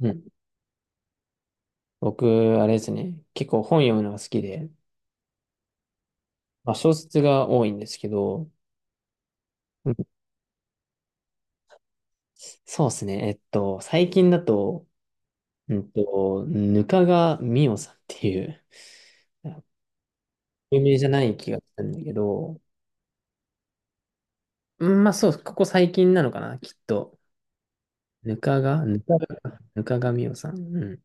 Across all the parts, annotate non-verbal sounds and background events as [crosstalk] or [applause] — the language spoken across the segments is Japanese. うん。僕、あれですね。結構本読むのが好きで、まあ小説が多いんですけど、うん、そうですね。最近だと、ぬかがみおさんっていう、有名じゃない気がしたんだけど、うん、まあそう、ここ最近なのかな、きっと。ぬかが、ぬかぬかがみおさん。うん。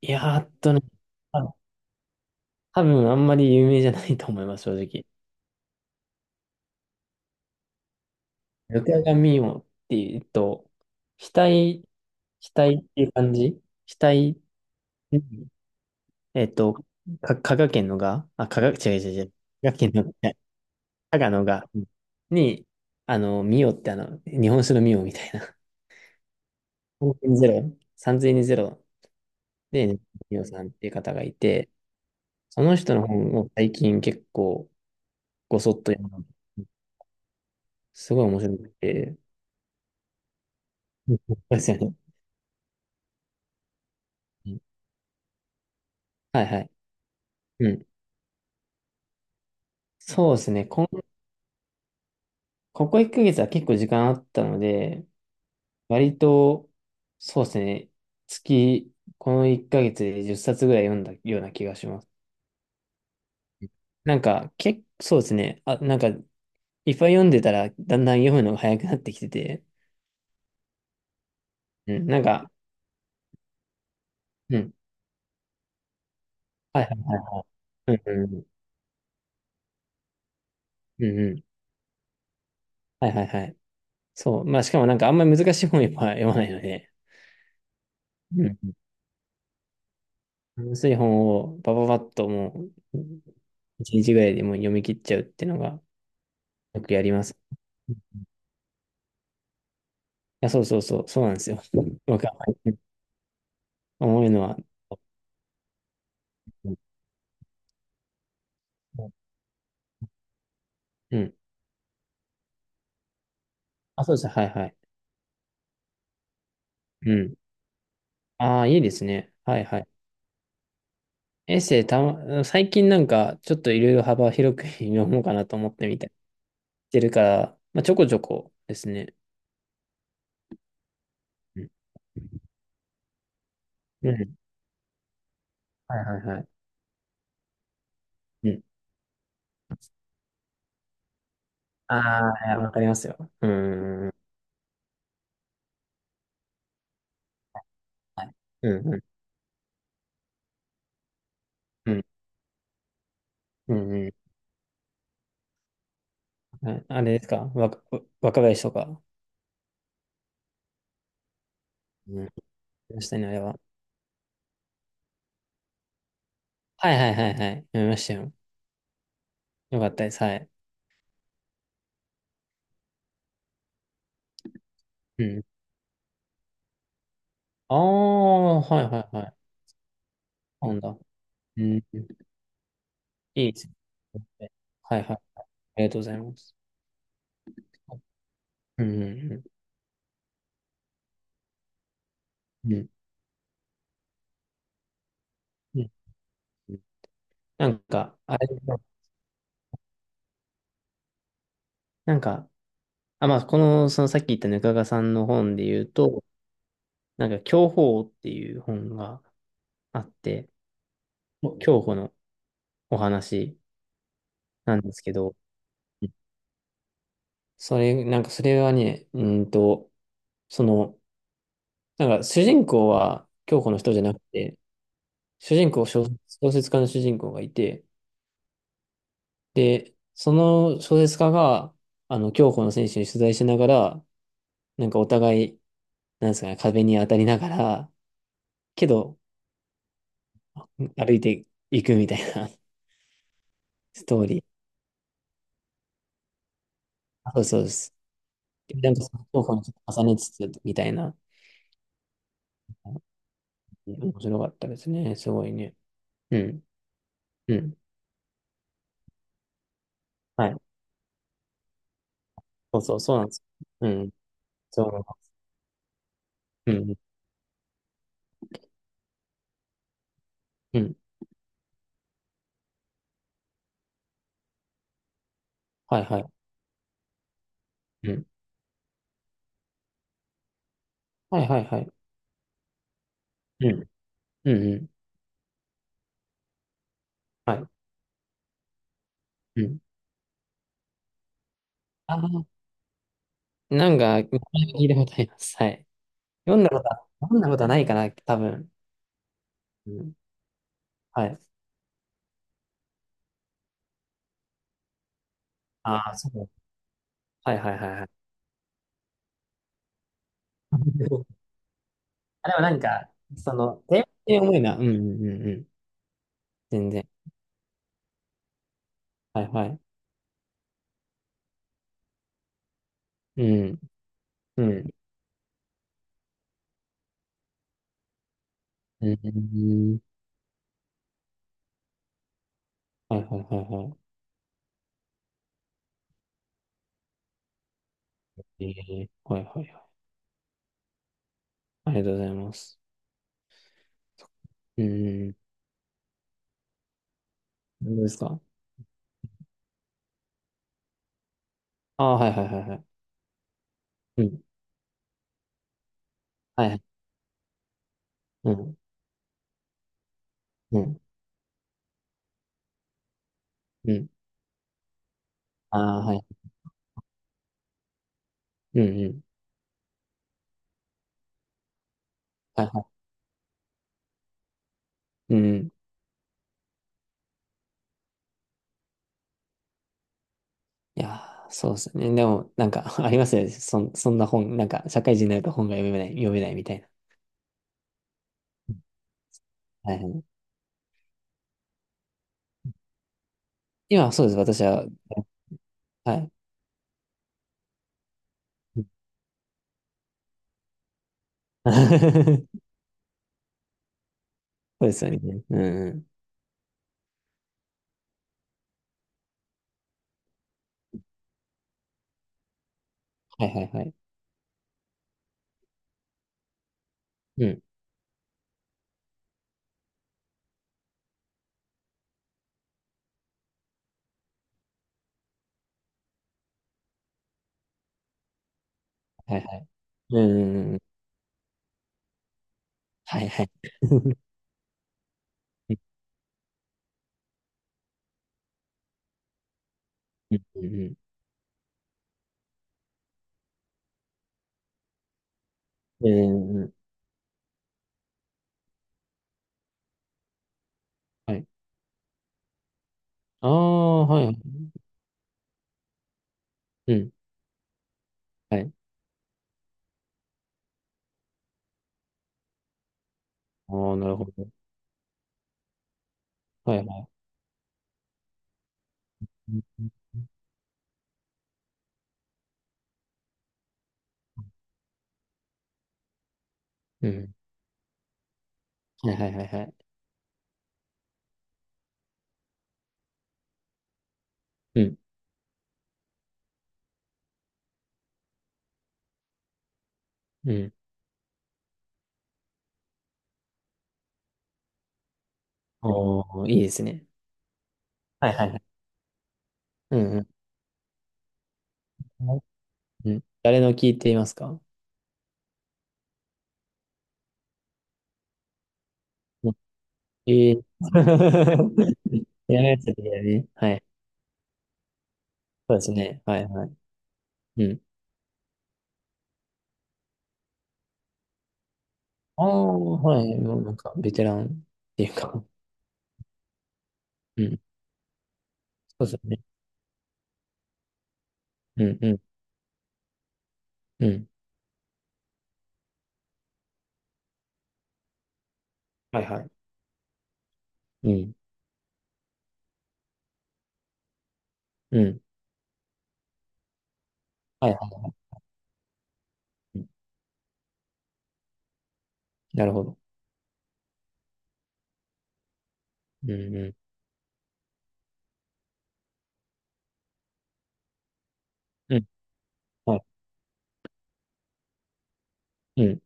いやーっとね、あ、多分あんまり有名じゃないと思います、正直。ぬかがみおっていうと、額待っていう感じ、期、うん、えっと、香川県のが、あ、香川、違う違う違う。香川県の、いや香川のが、うん、に、あの、ミオってあの、日本酒のミオみたいな。3にゼ0で、ミオさんっていう方がいて、その人の本を最近結構ごそっと読んですごい面白くて。うん、そうですよね。うん、はいはい。うん。そうですね。ここ1ヶ月は結構時間あったので、割と、そうですね。月、この1ヶ月で10冊ぐらい読んだような気がします。なんか、結構そうですね。あ、なんか、いっぱい読んでたら、だんだん読むのが早くなってきてて、うん、なんか、うん。はいはいはいはい。うんうんうん。うんうん。はいはいはい。そう。まあ、しかもなんか、あんまり難しい本やっぱ読まないので、うん、ん、薄い本を、バババッともう、1日ぐらいでもう読み切っちゃうっていうのが、よくやります。いや、そうそうそう、そうなんですよ。[laughs] 僕は。思うのは、うん。うん、あ、そうです。はいはい。うん。ああ、いいですね。はいはい。エッセイたま、最近なんか、ちょっといろいろ幅広く [laughs] 読もうかなと思ってみたりしてるから、まあ、ちょこちょこですね。うん。うん、はいはいはい。うん。ああ、いやわかりますよ。うん。はい、うんうんうん。うんうん。はい、あれですか、わか、若林とか。うん。見ましたね、あれは。はいはいはいはい。読みましたよ。よかったです。はい。うん。ああ、はいはいはい。うなんだ。うん。いいですね。はいはい。ありがとうございます。うん。うん。うんうんうん、なんか、あれ、なんか、あ、まあ、この、そのさっき言ったぬかがさんの本で言うと、なんか、享保っていう本があって、享保のお話なんですけど、うん、それ、なんか、それはね、うーんと、その、なんか、主人公は享保の人じゃなくて、主人公、小小説家の主人公がいて、で、その小説家が、あの、競歩の選手に取材しながら、なんかお互い、なんですかね、壁に当たりながら、けど、歩いていくみたいな [laughs] ストーリー。あ、そうですそうです。でなんかその競歩にちょっと重ねつつ、みたいな。面白かったですね。すごいね。うん。うん。はい。そうそう、そうなんです。うん。そう。うん。うん。はいはい。うん。はいはいはい。うん。うんうん。はい。うん。ああ、なんか、聞いたことあります。はい。読んだことはないかな、多分。うん。はい。ああ、そう。はいはいはいはい。[laughs] あ、でもなんか、その、テーマって重いな。うんうんうんうん。全然。はいはい。うん。うん。うん。はいはいはいはい。ええ、はいはいはい。ありがとうございます。うん。何ですか。ああー、はいはいはいはい。うん。はいはい。うん。うん。うん。ああ、はい。うんうん。はいはい。うん。いやー、そうですね。でも、なんか、[laughs] ありますよね。そんな本、なんか、社会人になると本が読めないみたいな。はいはい。今はそうです。私は、はい。うん。 [laughs] そうですよね。うんうん。はいはいはい。うん。はいはい。うんうんうん。はいはい。[laughs] うんうん。うんうんうん。はい。ああ、はいはい。うん。はい。ああ、なるほど。はいはい。うんうん。はいはいはいはい。うん。うん。おー、いいですね。はいはいはい。うんうん。うん。誰の聞いていますか。うん。えー、[laughs] やめやつだね。はい。そうですね。はいはい。うん。ああ、はい。もうなんか、ベテランっていうか、うん。そうですね。うんうんうん。はいはい。うん。うん。はいはいはい。うん、なるほど。うんうん。うん。はい。うん。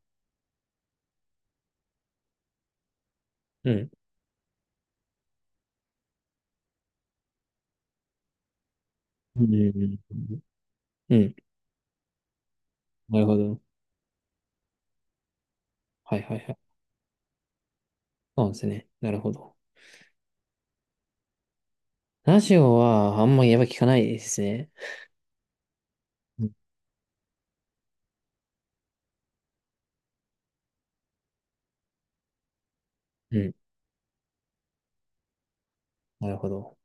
うん。うんうんうん。うん。なるほど。はいはいはい。そうですね。なるほど。ラジオはあんまりやっぱ聞かないですね。うん。うん。なるほど。